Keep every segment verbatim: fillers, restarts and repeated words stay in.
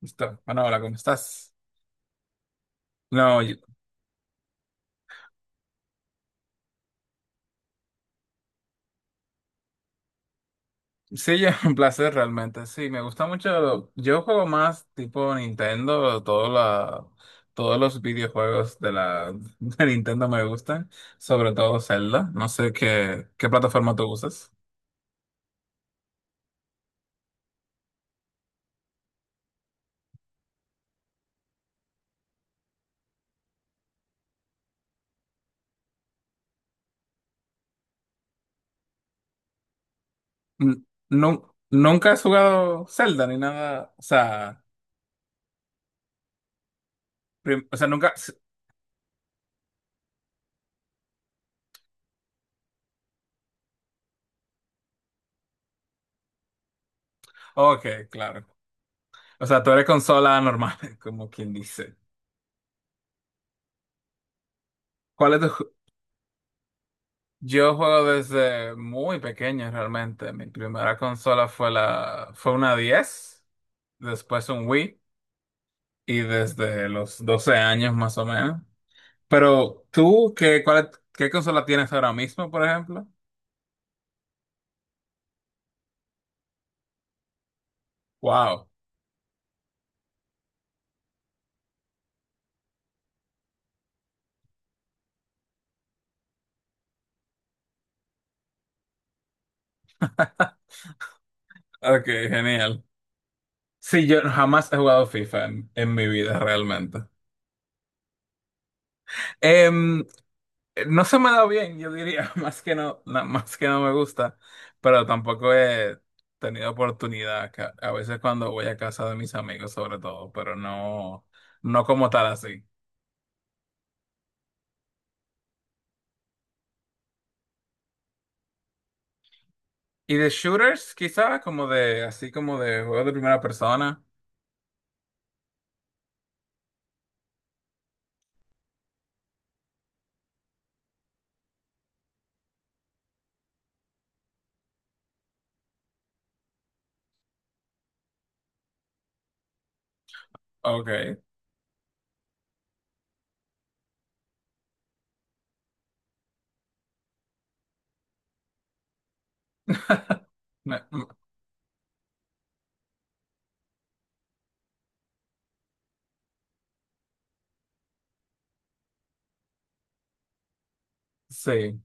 Listo. Bueno, hola, ¿cómo estás? No, yo- sí, es un placer realmente. Sí, me gusta mucho. Yo juego más tipo Nintendo, todo la- todos los videojuegos de la de Nintendo me gustan, sobre todo Zelda. No sé qué, qué plataforma tú usas. N- nu- nunca has jugado Zelda ni nada. O sea, prim- o sea, nunca. Ok, claro. O sea, tú eres consola normal, como quien dice. ¿Cuál es tu? Yo juego desde muy pequeño realmente. Mi primera consola fue la, fue una diez, después un Wii y desde los doce años más o menos. Pero tú, ¿qué, cuál, qué consola tienes ahora mismo, por ejemplo? Wow. Ok, genial. Sí, yo jamás he jugado FIFA en, en mi vida realmente. Em, Eh, No se me da bien, yo diría, más que no, na- más que no me gusta, pero tampoco he tenido oportunidad, ca- a veces cuando voy a casa de mis amigos sobre todo, pero no, no como tal así. ¿Y de shooters, quizá? Como de, así como de juegos de primera persona. Ok. Me- me- sí,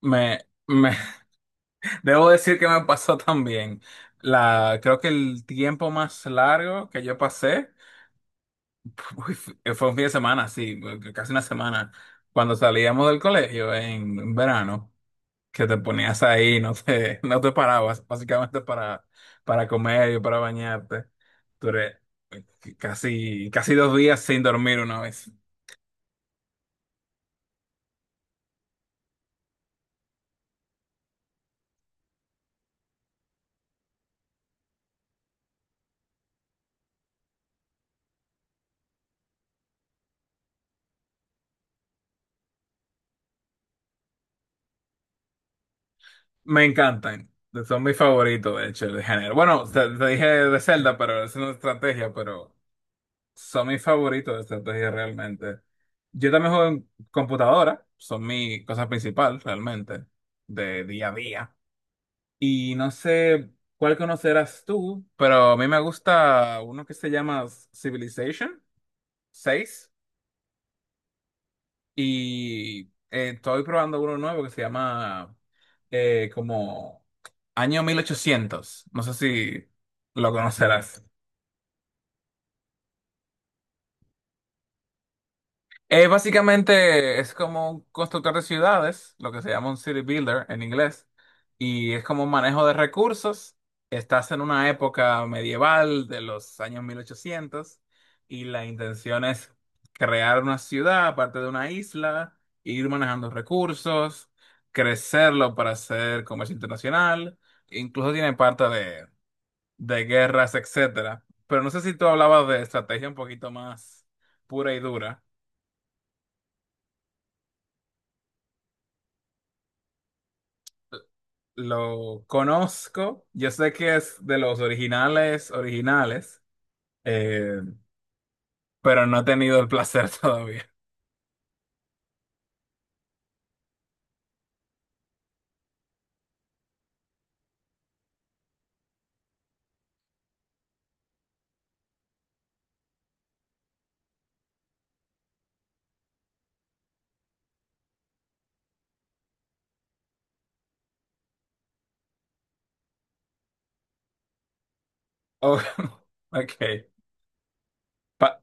me, me, debo decir que me pasó también. La, creo que el tiempo más largo que yo pasé. Uy, fue fue un fin de semana, sí, casi una semana. Cuando salíamos del colegio en en verano, que te ponías ahí, no te, no te parabas, básicamente para, para comer y para bañarte. Duré casi, casi dos días sin dormir una vez. Me encantan. Son mis favoritos, de hecho, de género. Bueno, te, te dije de Zelda, pero esa es una estrategia, pero son mis favoritos de estrategia realmente. Yo también juego en computadora, son mi cosa principal realmente, de día a día. Y no sé cuál conocerás tú, pero a mí me gusta uno que se llama Civilization seis, y eh, estoy probando uno nuevo que se llama eh, como Año mil ochocientos. No sé si lo conocerás. Eh, básicamente es como un constructor de ciudades, lo que se llama un city builder en inglés, y es como un manejo de recursos. Estás en una época medieval de los años mil ochocientos y la intención es crear una ciudad aparte de una isla, ir manejando recursos, crecerlo para hacer comercio internacional, incluso tiene parte de, de guerras, etcétera. Pero no sé si tú hablabas de estrategia un poquito más pura y dura. Lo conozco, yo sé que es de los originales, originales, eh, pero no he tenido el placer todavía. Oh, ok. Pa-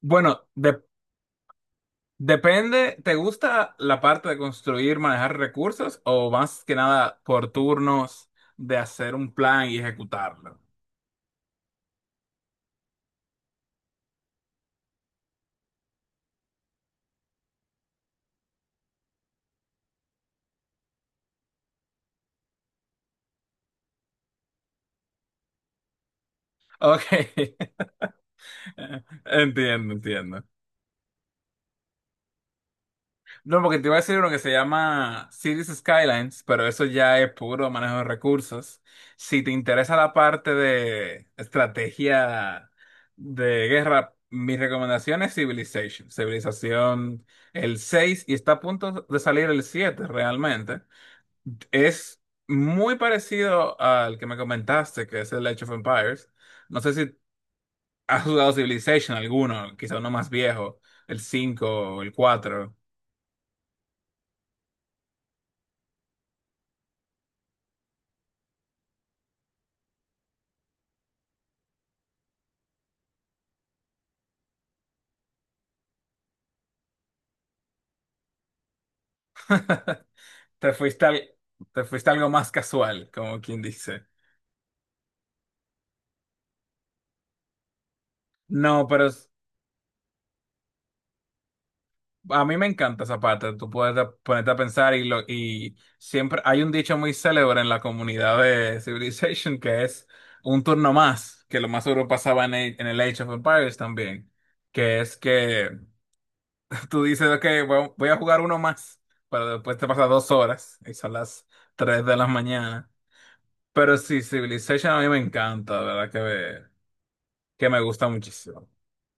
bueno, de- depende, ¿te gusta la parte de construir, manejar recursos, o más que nada por turnos de hacer un plan y ejecutarlo? Ok, entiendo, entiendo. No, porque te iba a decir uno que se llama Cities Skylines, pero eso ya es puro manejo de recursos. Si te interesa la parte de estrategia de guerra, mi recomendación es Civilization. Civilización el seis, y está a punto de salir el siete realmente. Es muy parecido al que me comentaste, que es el Age of Empires. No sé si has jugado Civilization alguno, quizá uno más viejo, el cinco o el cuatro. Te fuiste al, te fuiste a algo más casual, como quien dice. No, pero es- a mí me encanta esa parte. Tú puedes a- ponerte a pensar y, lo, y siempre hay un dicho muy célebre en la comunidad de Civilization que es un turno más, que lo más seguro pasaba en el, en el Age of Empires también, que es que tú dices, ok, voy voy a jugar uno más, pero después te pasa dos horas y son las tres de la mañana. Pero sí, Civilization a mí me encanta, de verdad que me, que me gusta muchísimo.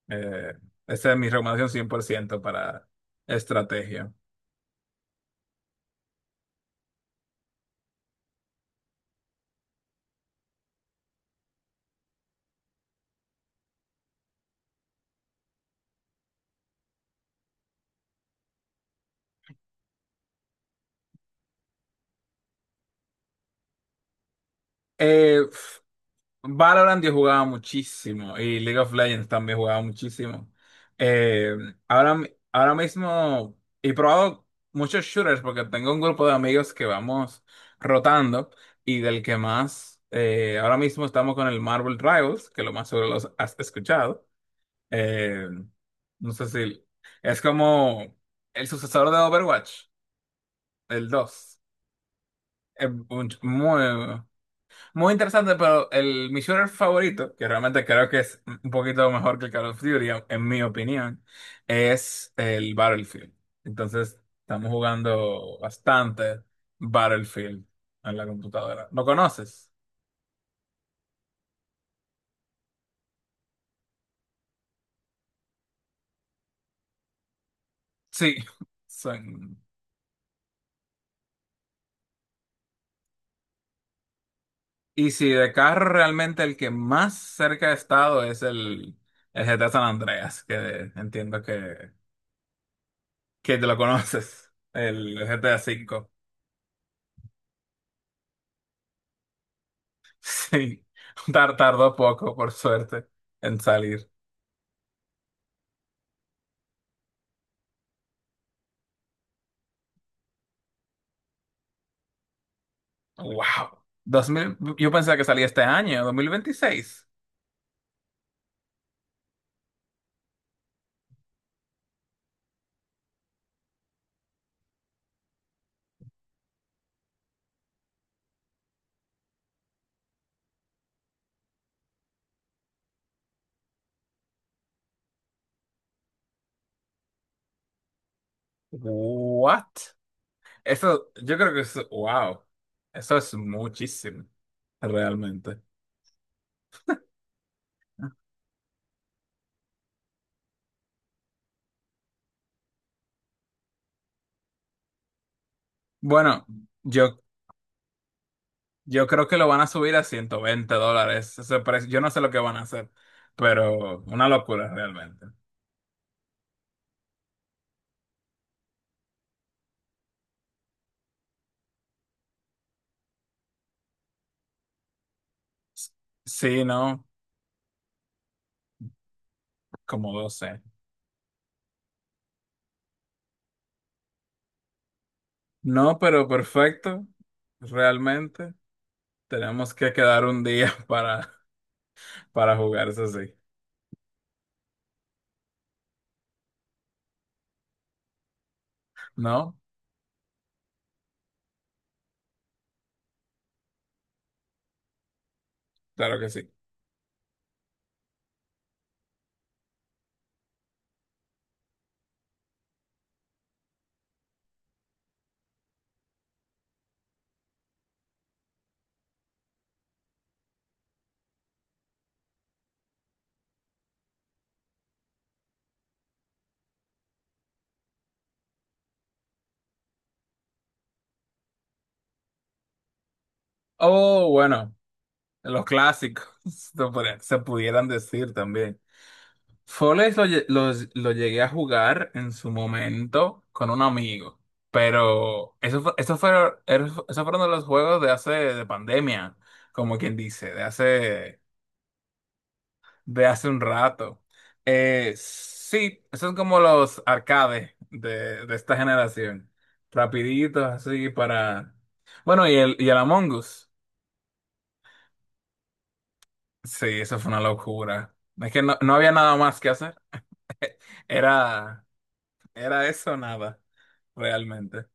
Eh, Esa es mi recomendación cien por ciento para estrategia. Eh, pf, Valorant yo jugaba muchísimo y League of Legends también jugaba muchísimo. Eh, ahora, mi- Ahora mismo he probado muchos shooters porque tengo un grupo de amigos que vamos rotando, y del que más, eh, ahora mismo estamos con el Marvel Rivals, que lo más seguro los has escuchado. Eh, no sé si es como el sucesor de Overwatch, el dos. Eh, Muy, muy interesante, pero el, mi shooter favorito, que realmente creo que es un poquito mejor que el Call of Duty, en mi opinión, es el Battlefield. Entonces, estamos jugando bastante Battlefield en la computadora. ¿Lo conoces? Sí. Son- Y si de carro realmente el que más cerca he estado es el, el G T A San Andreas, que entiendo que, que te lo conoces, el G T A V. Sí, tar- tardó poco, por suerte, en salir. Wow. dos mil. Yo pensaba que salía este año, dos mil veintiséis. What? Eso, yo creo que es, wow. Eso es muchísimo, realmente. Bueno, yo, yo creo que lo van a subir a ciento veinte dólares ese precio. Yo no sé lo que van a hacer, pero una locura realmente. S- Sí, no, como doce. No, pero perfecto, realmente. Tenemos que quedar un día para, para jugar, eso sí. ¿No? Claro que sí. Oh, bueno, los clásicos, se podría- se pudieran decir también. Foles lo, lle- los- lo llegué a jugar en su momento con un amigo, pero eso fue, eso fue, eso fueron de los juegos de hace, de pandemia, como quien dice, de hace de hace un rato. Eh, sí, son como los arcades de, de esta generación. Rapiditos, así para... Bueno, y el, y el Among Us. Sí, eso fue una locura. Es que no, no había nada más que hacer. Era, era eso o nada, realmente.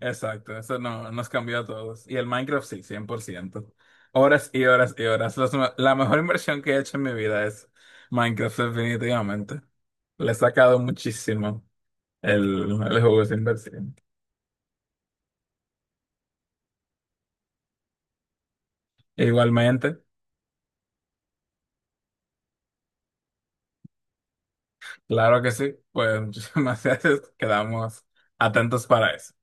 Exacto, eso no, nos cambió a todos. Y el Minecraft sí, cien por ciento, horas y horas y horas. Los me- la mejor inversión que he hecho en mi vida es Minecraft, definitivamente. Le he sacado muchísimo. El, el juego es inversión. Igualmente, claro que sí, pues muchísimas gracias. Quedamos atentos para eso.